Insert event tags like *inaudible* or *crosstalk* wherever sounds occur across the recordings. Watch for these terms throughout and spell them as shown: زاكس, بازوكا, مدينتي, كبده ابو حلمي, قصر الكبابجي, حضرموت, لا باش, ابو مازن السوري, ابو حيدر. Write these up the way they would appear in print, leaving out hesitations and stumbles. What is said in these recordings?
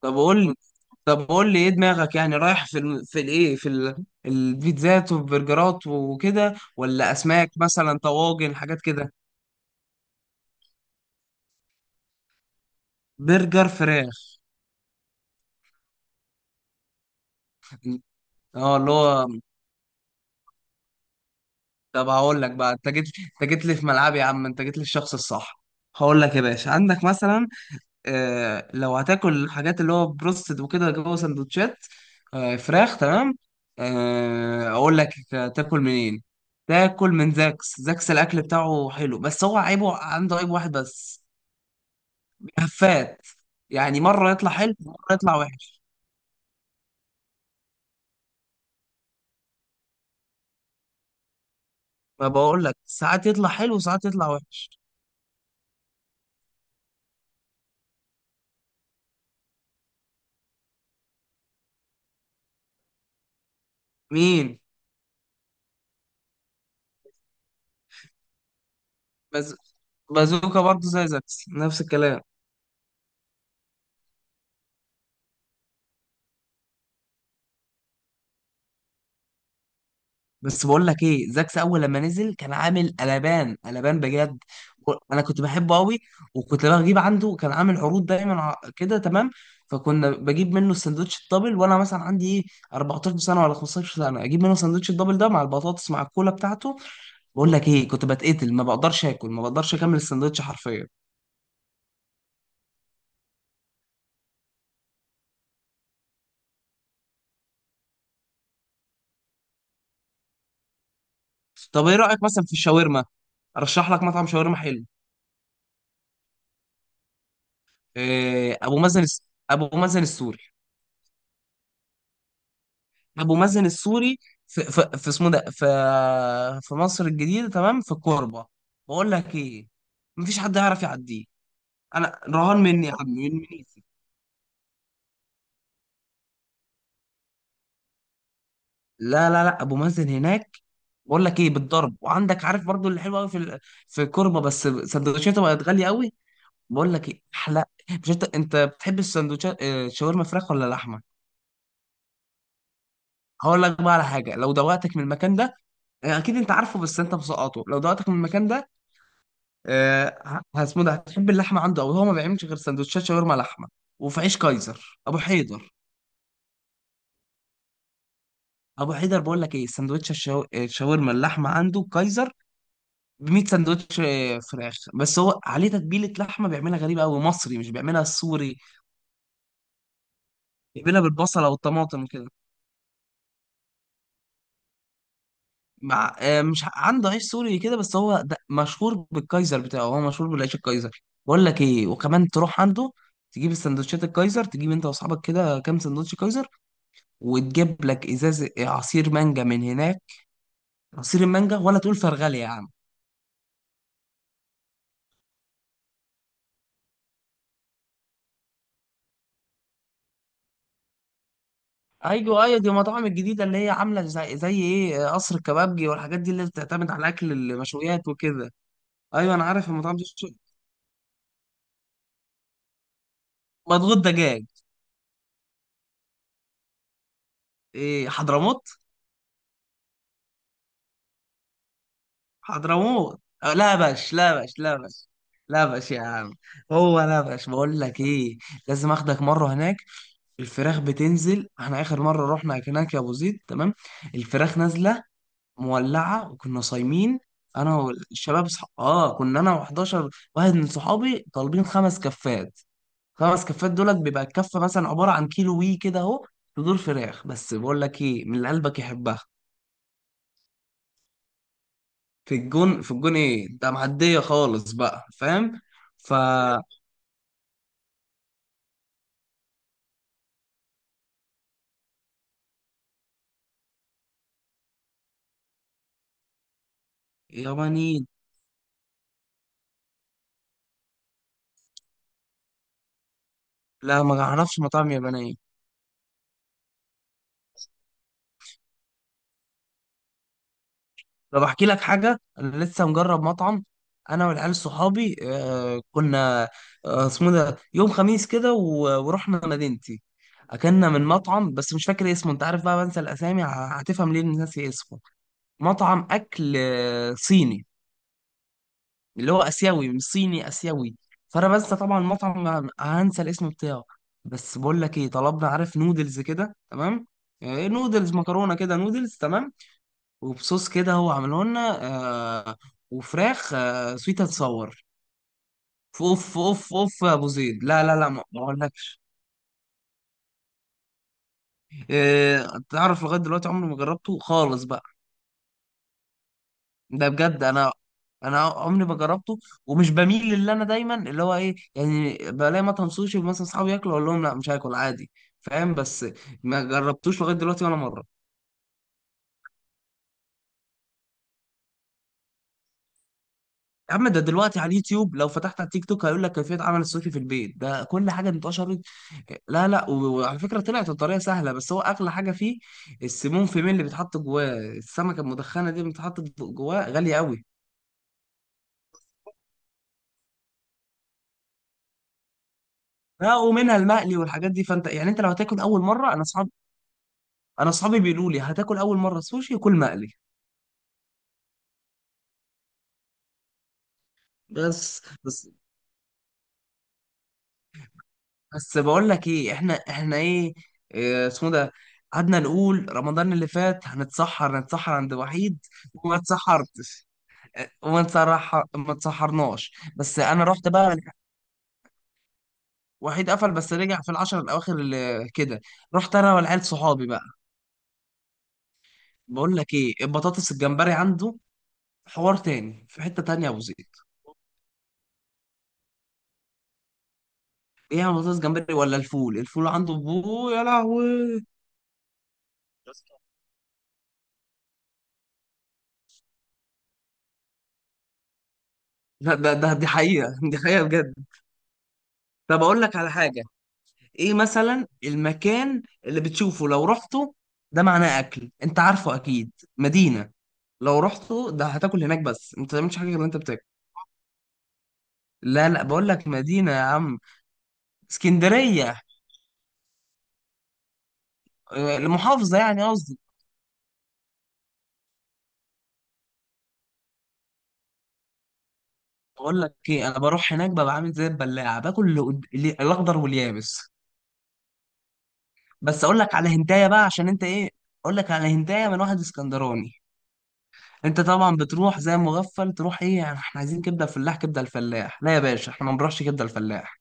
طب قول لي طب قول لي ايه دماغك، يعني رايح في ال... في الايه في ال... البيتزات والبرجرات وكده، ولا اسماك مثلا، طواجن، حاجات كده؟ برجر فراخ، اه اللي هو، طب هقول لك بقى. انت جيت لي في ملعبي يا عم، انت جيت لي الشخص الصح. هقول لك يا باشا، عندك مثلا لو هتاكل الحاجات اللي هو بروستد وكده جوه سندوتشات فراخ، تمام. اقول لك تاكل منين. تاكل من زاكس. زاكس الاكل بتاعه حلو، بس هو عيبه، عنده عيب واحد بس. هفات، يعني مره يطلع حلو مره يطلع وحش. ما بقول لك، ساعات يطلع حلو وساعات يطلع وحش. مين؟ بز... بازوكا برضه زي زاكس، نفس الكلام. بس بقول لك ايه، زاكس اول لما نزل كان عامل قلبان قلبان بجد. انا كنت بحبه قوي، وكنت بجيب عنده، كان عامل عروض دايما كده، تمام. فكنا بجيب منه السندوتش الدبل، وانا مثلا عندي ايه، 14 سنة سنه ولا 15 سنة سنه، اجيب منه السندوتش الدبل ده مع البطاطس مع الكولا بتاعته. بقول لك ايه، كنت بتقتل، ما بقدرش اكل، ما بقدرش اكمل السندوتش حرفيا. طب ايه رايك مثلا في الشاورما؟ ارشح لك مطعم شاورما حلو. إيه، ابو مازن السوري. ابو مازن السوري، في اسمه ده، في في مصر الجديده، تمام، في الكوربه. بقول لك ايه، مفيش حد يعرف يعديه. انا رهان مني يا عم، من منيسي. لا، ابو مازن هناك. بقول لك ايه، بالضرب. وعندك، عارف، برضو اللي حلو قوي في الكوربه، بس سندوتشاته بقت غاليه قوي. بقول لك ايه احلى. مش انت، انت بتحب السندوتشات شاورما فراخ ولا لحمه؟ هقول لك بقى على حاجه، لو دوقتك من المكان ده اكيد انت عارفه، بس انت مسقطه. لو دوقتك من المكان ده آه، اسمه ده، هتحب اللحمه عنده. او هو ما بيعملش غير سندوتشات شاورما لحمه وفي عيش كايزر، ابو حيدر. ابو حيدر بقول لك ايه، سندوتش الشاورما اللحمه عنده كايزر، ب 100 سندوتش. فراخ، بس هو عليه تتبيله لحمه بيعملها غريبه قوي، مصري، مش بيعملها السوري. بيعملها بالبصله والطماطم وكده. مع مش عنده عيش سوري كده، بس هو ده مشهور بالكايزر بتاعه، هو مشهور بالعيش الكايزر. بقول لك ايه، وكمان تروح عنده تجيب السندوتشات الكايزر، تجيب انت واصحابك كده كام سندوتش كايزر، وتجيب لك ازاز عصير مانجا من هناك، عصير المانجا، ولا تقول فرغلي يا عم. ايوه ايوه، دي المطاعم الجديده اللي هي عامله زي ايه، قصر الكبابجي والحاجات دي، اللي بتعتمد على اكل المشويات وكده. ايوه، انا عارف المطاعم دي. مضغوط دجاج. ايه، حضرموت. حضرموت، لا باش. لا باش يا عم. هو لا باش، بقول لك ايه، لازم اخدك مره هناك. الفراخ بتنزل، احنا اخر مره رحنا هناك يا ابو زيد، تمام، الفراخ نازله مولعه، وكنا صايمين. انا والشباب اه، كنا انا و11 واحد من صحابي طالبين خمس كفات. خمس كفات دولت بيبقى الكفه مثلا عباره عن كيلو وي كده اهو، صدور فراخ. بس بقول لك ايه، من اللي قلبك يحبها في الجون. في الجون، ايه ده، معديه خالص بقى، فاهم؟ ف ياباني؟ لا، ما اعرفش مطاعم يابانيه. طب احكي لك حاجه، انا لسه مجرب مطعم. انا والعيال صحابي، آه كنا اسمه ده، يوم خميس كده ورحنا مدينتي، اكلنا من مطعم، بس مش فاكر اسمه. انت عارف بقى، بنسى الاسامي، هتفهم ليه إني ناسي اسمه. مطعم اكل صيني، اللي هو اسيوي، مش صيني، اسيوي. فانا بنسى طبعا المطعم، هنسى الاسم بتاعه. بس بقول لك ايه، طلبنا، عارف، نودلز كده، تمام. نودلز، مكرونه كده، نودلز، تمام، وبصوص كده هو عمله لنا، آه وفراخ، آه، سويت، هتصور. اوف اوف اوف يا ابو زيد، لا ما اقولكش. آه، تعرف لغايه دلوقتي عمري ما جربته خالص بقى. ده بجد، انا عمري ما جربته. ومش بميل للي، انا دايما اللي هو ايه، يعني بلاقي مطعم سوشي مثلا، اصحابي ياكلوا، اقول لهم لا، مش هاكل، عادي، فاهم. بس ما جربتوش لغايه دلوقتي ولا مره. يا عم، ده دلوقتي على اليوتيوب، لو فتحت على التيك توك هيقول لك كيفية عمل السوشي في البيت، ده كل حاجة انتشرت. لا لا، وعلى فكرة، طلعت الطريقة سهلة، بس هو أغلى حاجة فيه السيمون فيمين اللي بيتحط جواه، السمكة المدخنة دي اللي بتتحط جواه غالية قوي. لا، ومنها المقلي والحاجات دي، فانت يعني، انت لو هتاكل اول مره، انا اصحابي بيقولوا لي هتاكل اول مره سوشي، كل مقلي. بس بس بس بقول لك ايه، احنا ايه، إيه اسمه ده، قعدنا نقول رمضان اللي فات هنتسحر عند وحيد، وما اتسحرتش، وما تصرح، ما تسحرناش. بس انا رحت بقى يعني. وحيد قفل بس رجع في العشر الاواخر اللي كده. رحت انا والعيال صحابي بقى. بقول لك ايه، البطاطس الجمبري عنده حوار تاني في حتة تانية يا ابو زيد. ايه يا بطاطس جمبري، ولا الفول، الفول عنده، بو يا لهوي. لا، ده دي حقيقة، *laughs* دي حقيقة بجد. طب أقول لك على حاجة. إيه مثلا المكان اللي بتشوفه، لو رحته، ده معناه أكل أنت عارفه أكيد. مدينة، لو رحته ده هتاكل هناك، بس أنت ما تعملش حاجة غير اللي أنت بتاكل. لا، بقول لك مدينة يا عم. اسكندرية، المحافظة يعني، قصدي. بقول لك ايه، انا بروح هناك ببقى عامل زي البلاعة، باكل الاخضر واليابس. بس اقول لك على هنتايه بقى، عشان انت ايه. اقول لك على هنتايه من واحد اسكندراني. انت طبعا بتروح زي مغفل، تروح ايه، يعني احنا عايزين كبده فلاح، كبده الفلاح؟ لا يا باشا، احنا ما بنروحش كبده الفلاح.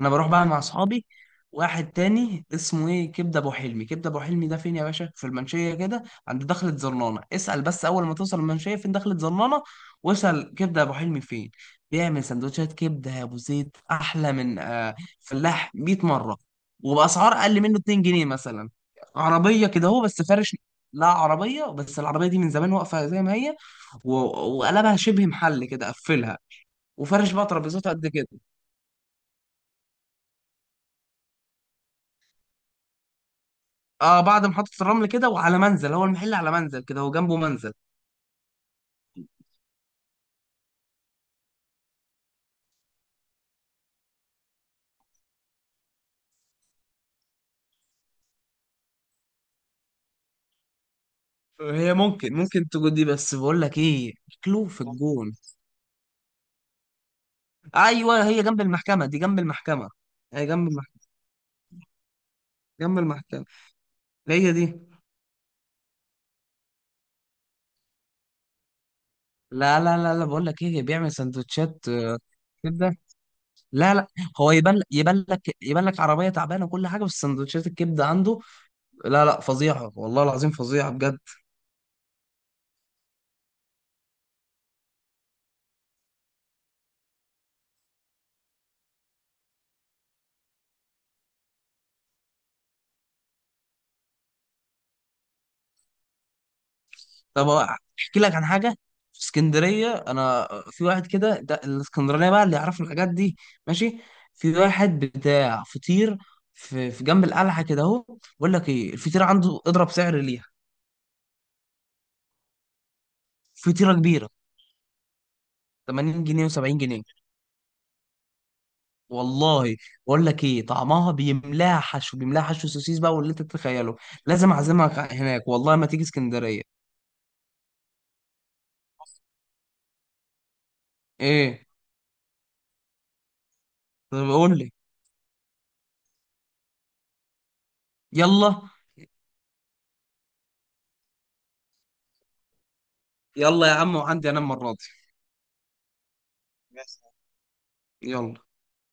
انا بروح بقى مع اصحابي واحد تاني اسمه ايه، كبده ابو حلمي. كبده ابو حلمي ده فين يا باشا؟ في المنشيه كده عند دخله زرنانه. اسال بس، اول ما توصل المنشيه، فين دخله زرنانه، واسال كبده ابو حلمي فين. بيعمل سندوتشات كبده يا ابو زيد احلى من آه فلاح 100 مره، وباسعار اقل منه 2 جنيه مثلا. عربيه كده هو، بس فارش. لا عربيه، بس العربيه دي من زمان واقفه زي ما هي، و- وقلبها شبه محل كده، قفلها وفارش بقى ترابيزات قد كده. اه، بعد محطة الرمل كده، وعلى منزل، هو المحل على منزل كده، هو جنبه منزل. هي ممكن تكون دي، بس بقول لك ايه، كلو في الجون. ايوه، هي جنب المحكمة دي، جنب المحكمة. هي جنب المحكمة، جنب المحكمة. هي دي. لا بقول لك ايه، بيعمل سندوتشات كبدة. لا لا، هو يبان لك عربية تعبانة وكل حاجة، بس سندوتشات الكبدة عنده لا لا، فظيعة والله العظيم، فظيعة بجد. طب احكي لك عن حاجه في اسكندريه. انا في واحد كده، ده الاسكندرانيه بقى اللي يعرفوا الحاجات دي، ماشي، في واحد بتاع فطير في جنب القلعه كده اهو. بقول لك ايه، الفطيره عنده اضرب سعر ليها. فطيره كبيره، 80 جنيه و70 جنيه. والله. بقول لك ايه طعمها، بيملاها حشو، بيملاها حشو سوسيس بقى واللي انت تتخيله. لازم اعزمك هناك، والله ما تيجي اسكندريه. ايه؟ طب قول لي. يلا. يلا يا عم، وعندي انام المره دي. يلا.